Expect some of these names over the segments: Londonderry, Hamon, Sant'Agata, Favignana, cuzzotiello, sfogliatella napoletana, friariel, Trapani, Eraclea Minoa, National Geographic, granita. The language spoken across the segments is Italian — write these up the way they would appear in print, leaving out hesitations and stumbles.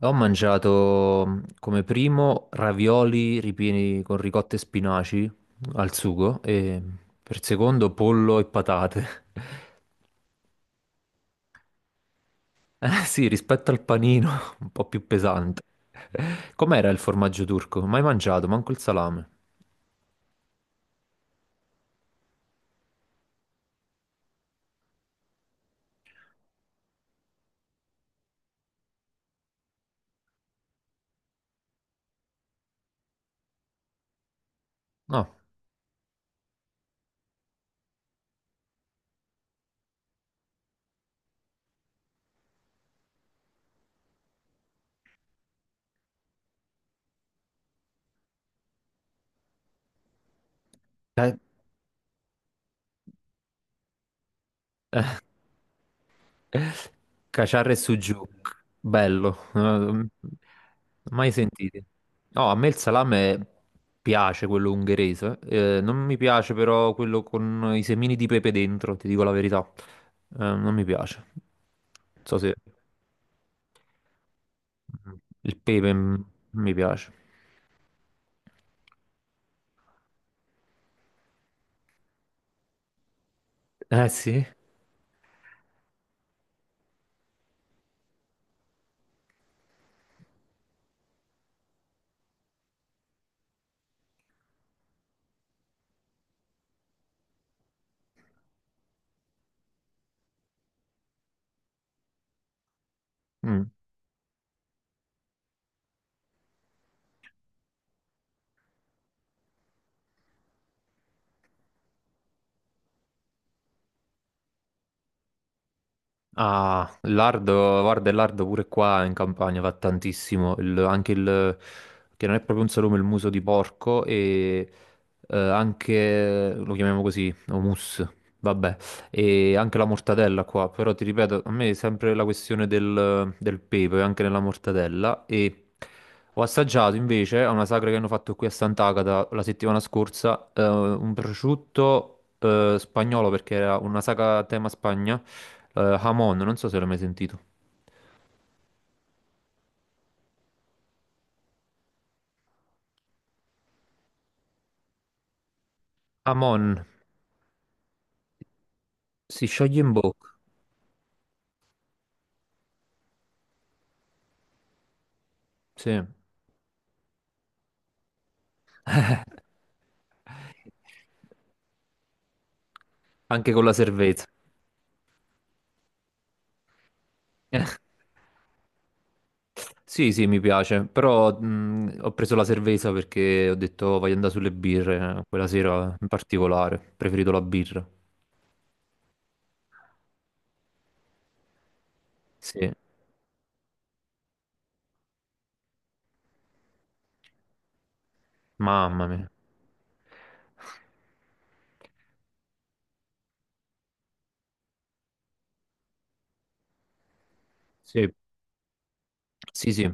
Ho mangiato come primo ravioli ripieni con ricotta e spinaci al sugo e per secondo pollo e patate. Eh sì, rispetto al panino, un po' più pesante. Com'era il formaggio turco? Mai mangiato, manco il salame. No. Eh, Caciarre e Sujuk, bello, mai sentiti. No, a me il salame piace quello ungherese, non mi piace però quello con i semini di pepe dentro, ti dico la verità. Non mi piace. Non so se il pepe mi piace. Eh sì? Mm. Ah, il lardo, guarda, il lardo pure qua in campagna fa tantissimo, anche il, che non è proprio un salume, il muso di porco e anche, lo chiamiamo così, hummus, vabbè, e anche la mortadella qua, però ti ripeto, a me è sempre la questione del pepe, anche nella mortadella, e ho assaggiato invece a una sagra che hanno fatto qui a Sant'Agata la settimana scorsa, un prosciutto spagnolo, perché era una sagra a tema Spagna, Hamon, non so se l'hai mai sentito. Hamon, si scioglie in bocca, sì. Anche con la cerveza. Eh, sì, sì, mi piace, però ho preso la cerveza perché ho detto "Oh, voglio andare sulle birre, quella sera in particolare, ho preferito la birra." Sì, mamma mia. Sì, sì, sì.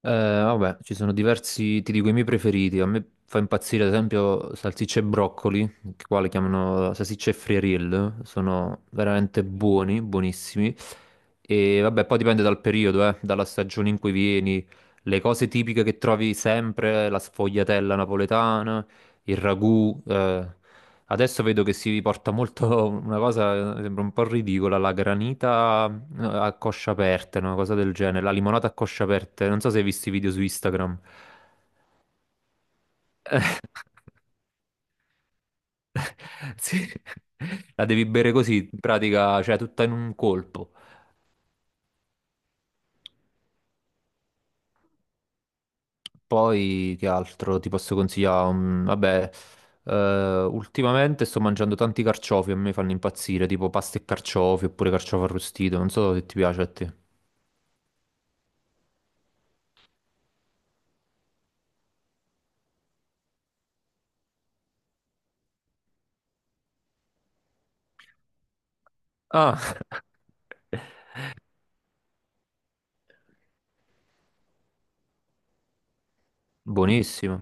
Vabbè, ci sono diversi, ti dico i miei preferiti. A me fa impazzire, ad esempio, salsicce e broccoli, che qua le chiamano salsicce e friariel. Sono veramente buoni, buonissimi. E vabbè, poi dipende dal periodo, dalla stagione in cui vieni. Le cose tipiche che trovi sempre, la sfogliatella napoletana, il ragù, eh. Adesso vedo che si porta molto una cosa, sembra un po' ridicola, la granita. No, a coscia aperta, una cosa del genere. La limonata a coscia aperta. Non so se hai visto i video su Instagram. Sì. La devi bere così, in pratica, cioè tutta in un colpo. Poi che altro ti posso consigliare? Vabbè, ultimamente sto mangiando tanti carciofi, a me fanno impazzire, tipo pasta e carciofi oppure carciofo arrostito. Non so se ti piace a te. Ah, buonissimo.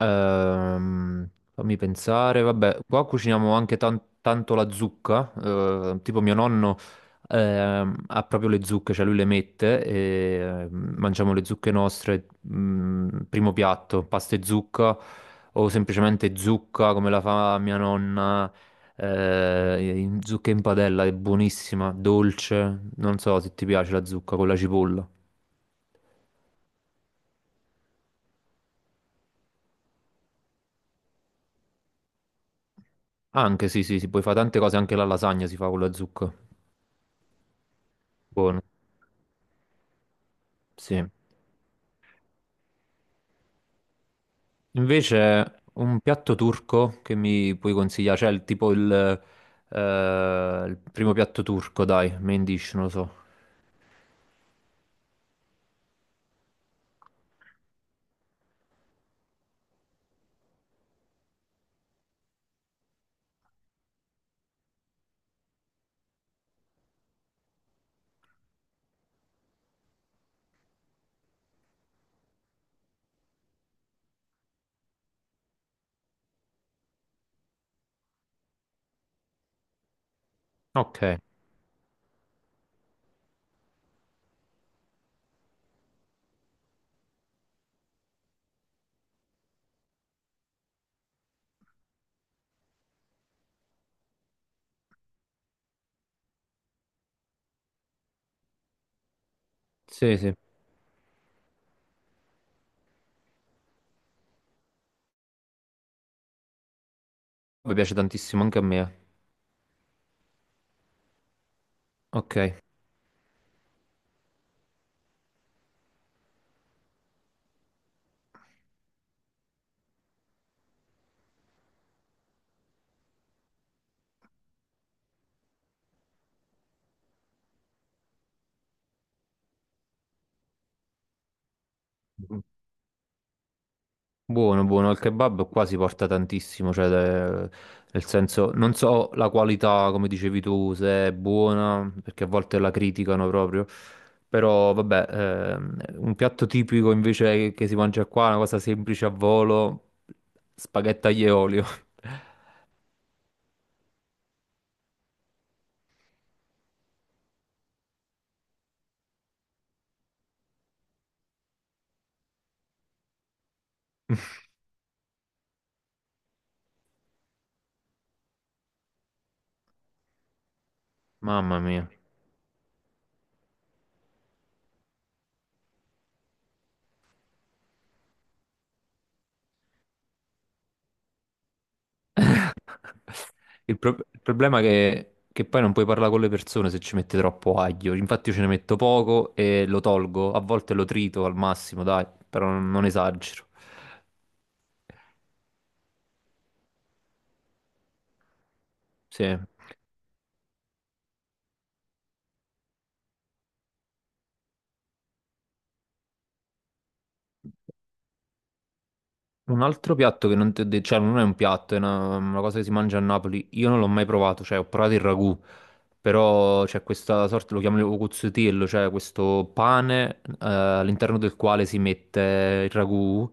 Ehm, Fammi pensare, vabbè, qua cuciniamo anche tanto la zucca, tipo mio nonno ha proprio le zucche, cioè lui le mette e mangiamo le zucche nostre, primo piatto, pasta e zucca o semplicemente zucca come la fa mia nonna, zucca in padella, è buonissima, dolce, non so se ti piace la zucca con la cipolla. Anche sì, sì, si puoi fare tante cose, anche la lasagna si fa con la zucca. Buono, sì. Invece, un piatto turco che mi puoi consigliare? Cioè, eh, il primo piatto turco, dai, main dish, non lo so. Ok, sì, sì. Mi piace tantissimo anche a me, eh. Ok. Buono, buono, il kebab qua si porta tantissimo, cioè, nel senso, non so la qualità, come dicevi tu, se è buona, perché a volte la criticano proprio, però vabbè, un piatto tipico invece che si mangia qua, una cosa semplice a volo, spaghetti aglio e olio. Mamma mia. Il problema è che poi non puoi parlare con le persone se ci metti troppo aglio. Infatti, io ce ne metto poco e lo tolgo. A volte lo trito al massimo, dai, però non esagero. Sì. Un altro piatto che non ti ho detto, cioè non è un piatto, è una cosa che si mangia a Napoli. Io non l'ho mai provato, cioè ho provato il ragù, però c'è questa sorta, lo chiamano cuzzotiello, cioè questo pane all'interno del quale si mette il ragù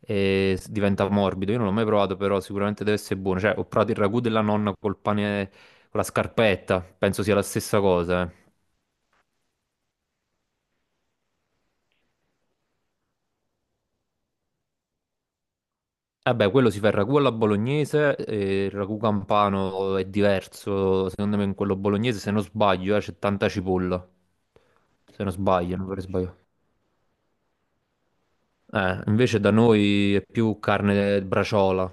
e diventa morbido. Io non l'ho mai provato, però sicuramente deve essere buono. Cioè ho provato il ragù della nonna col pane, con la scarpetta, penso sia la stessa cosa, eh. Eh beh, quello si fa il ragù alla bolognese, e il ragù campano è diverso, secondo me in quello bolognese, se non sbaglio, c'è tanta cipolla, se non sbaglio, non vorrei sbagliare. Invece da noi è più carne braciola,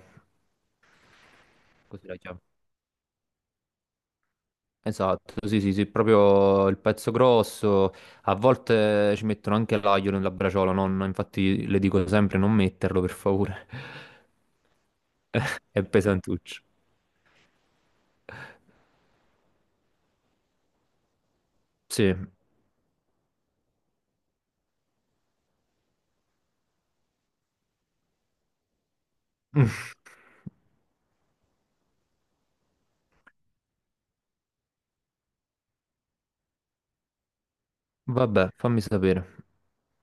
così la chiamo. Esatto, sì, sì, sì, proprio il pezzo grosso, a volte ci mettono anche l'aglio nella braciola, nonna, infatti le dico sempre non metterlo, per favore, è pesantuccio. Sì, vabbè, fammi sapere.